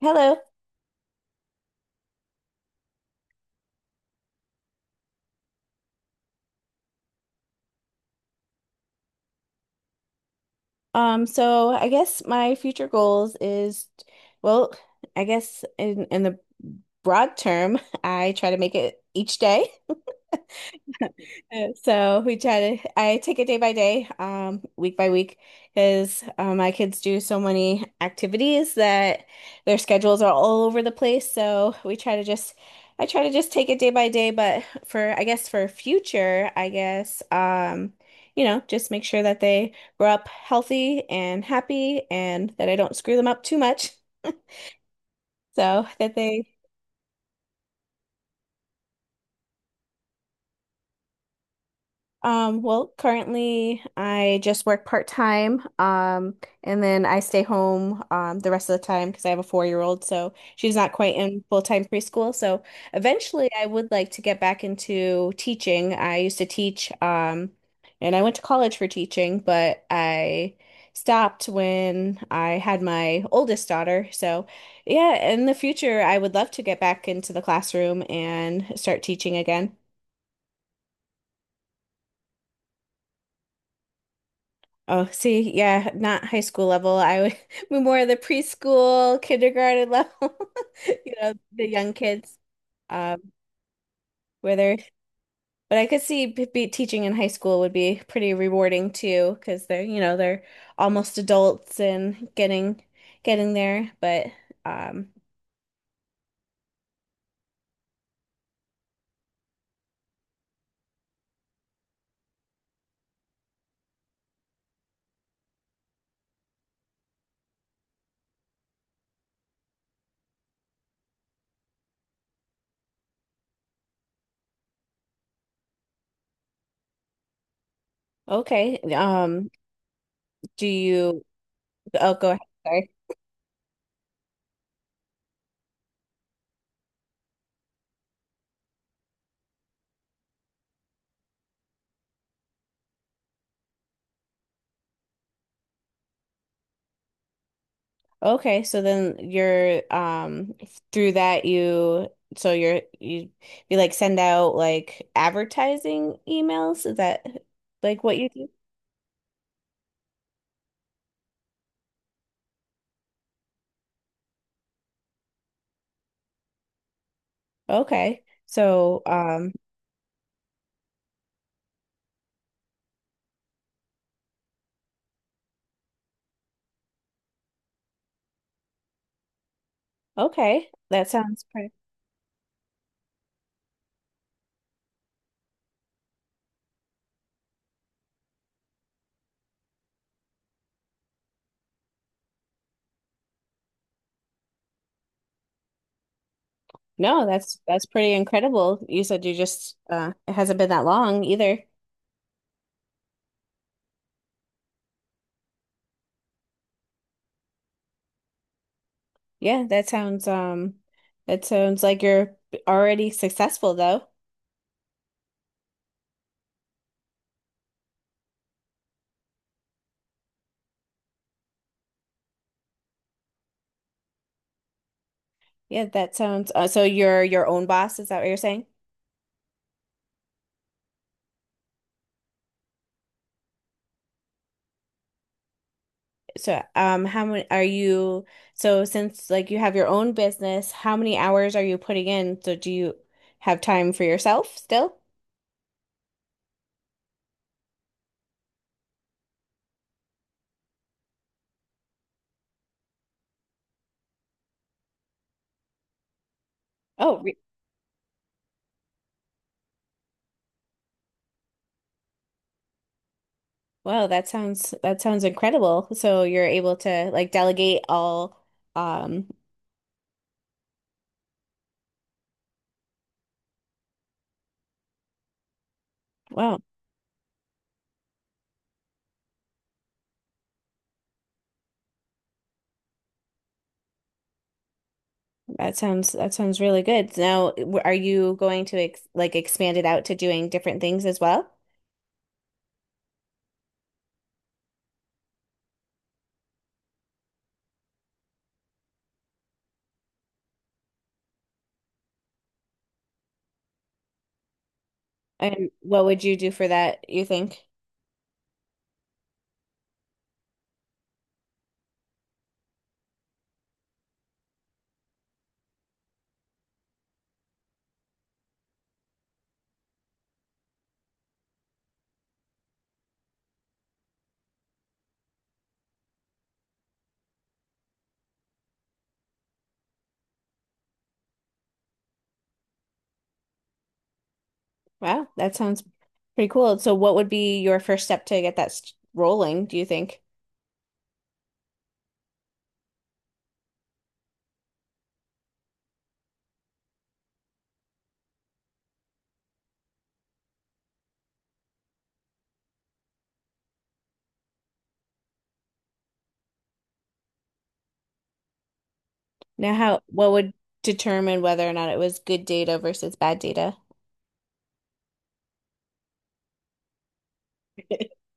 Hello. So I guess my future goals is, well, I guess in the broad term, I try to make it each day. So I take it day by day, week by week, because my kids do so many activities that their schedules are all over the place. So we try to just, I try to just take it day by day. But for, I guess, for future, I guess, just make sure that they grow up healthy and happy and that I don't screw them up too much. So that they Well, currently I just work part-time, and then I stay home the rest of the time because I have a four-year-old, so she's not quite in full-time preschool. So eventually I would like to get back into teaching. I used to teach, and I went to college for teaching, but I stopped when I had my oldest daughter. So yeah, in the future I would love to get back into the classroom and start teaching again. Oh, see, yeah, not high school level. I would be more the preschool, kindergarten level, you know, the young kids. Um, where they're, but I could see b be teaching in high school would be pretty rewarding too, because they're, you know, they're almost adults and getting there. But um, okay. Do you? Oh, go ahead. Sorry. Okay, so then you're through that you so you're you you like send out like advertising emails? Is that like what you do? Okay. Okay, that sounds pretty. No, that's pretty incredible. You said you just it hasn't been that long either. Yeah, that sounds, that sounds like you're already successful though. Yeah, that sounds so you're your own boss, is that what you're saying? So, how many are you? So, since like you have your own business, how many hours are you putting in? So, do you have time for yourself still? Oh, re- Wow, that sounds incredible. So, you're able to like delegate all, um, wow, that sounds really good. Now, are you going to ex like expand it out to doing different things as well? And what would you do for that, you think? Wow, that sounds pretty cool. So what would be your first step to get that rolling, do you think? Now how what would determine whether or not it was good data versus bad data?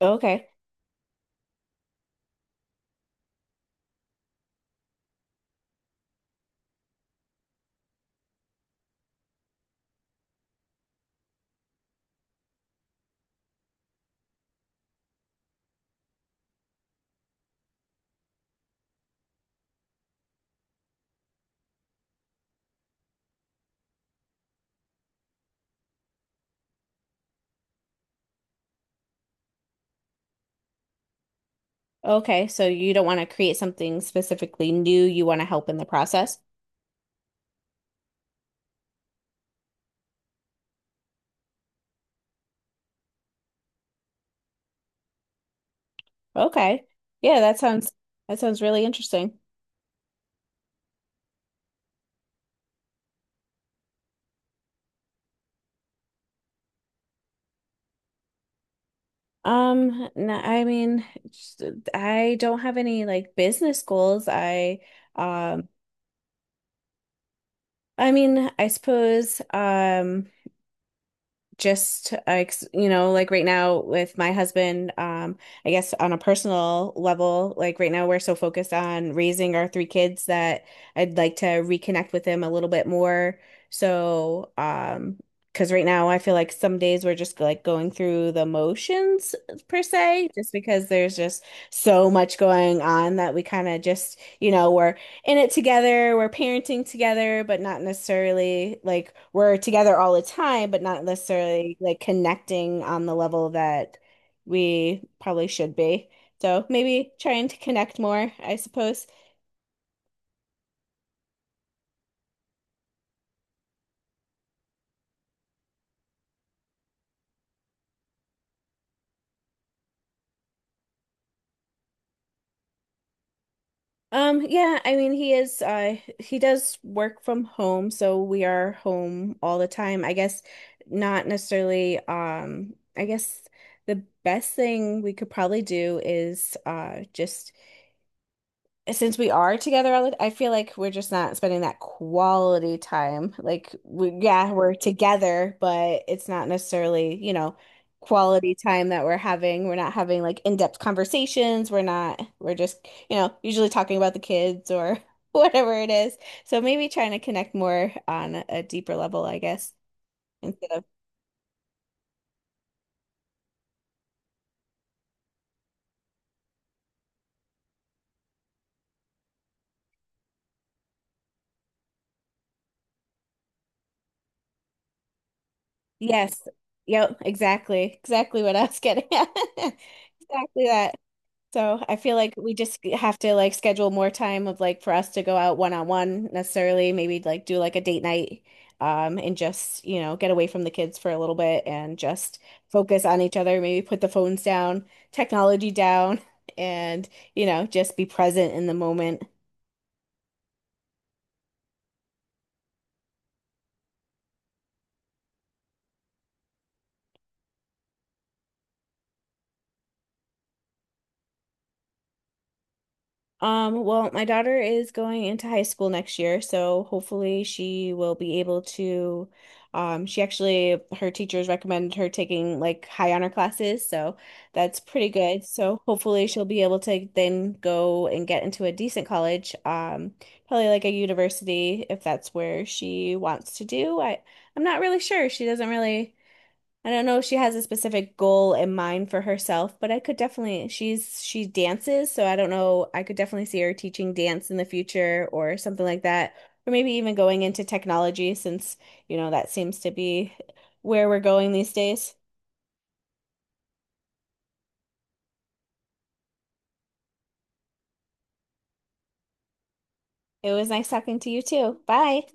Okay. Okay, so you don't want to create something specifically new, you want to help in the process. Okay. Yeah, that sounds really interesting. No, I mean, I don't have any like business goals. Um I mean, I suppose, just you know, like right now with my husband, I guess on a personal level, like right now we're so focused on raising our three kids that I'd like to reconnect with him a little bit more, so because right now I feel like some days we're just like going through the motions per se, just because there's just so much going on that we kind of just, you know, we're in it together, we're parenting together, but not necessarily like we're together all the time, but not necessarily like connecting on the level that we probably should be. So maybe trying to connect more, I suppose. Yeah, I mean he is, he does work from home, so we are home all the time. I guess not necessarily, I guess the best thing we could probably do is, just since we are together all the, I feel like we're just not spending that quality time. Like we, yeah, we're together, but it's not necessarily, you know, quality time that we're having. We're not having like in-depth conversations. We're not, we're just, you know, usually talking about the kids or whatever it is. So maybe trying to connect more on a deeper level, I guess, instead of yes. Yep, exactly. Exactly what I was getting at. Exactly that. So I feel like we just have to like schedule more time of like for us to go out one on one necessarily, maybe like do like a date night, and just, you know, get away from the kids for a little bit and just focus on each other, maybe put the phones down, technology down, and, you know, just be present in the moment. Well, my daughter is going into high school next year, so hopefully she will be able to, she actually, her teachers recommended her taking like high honor classes, so that's pretty good. So hopefully she'll be able to then go and get into a decent college, probably like a university if that's where she wants to do. I, I'm not really sure. She doesn't really. I don't know if she has a specific goal in mind for herself, but I could definitely, she's, she dances, so I don't know, I could definitely see her teaching dance in the future or something like that, or maybe even going into technology since, you know, that seems to be where we're going these days. It was nice talking to you too. Bye.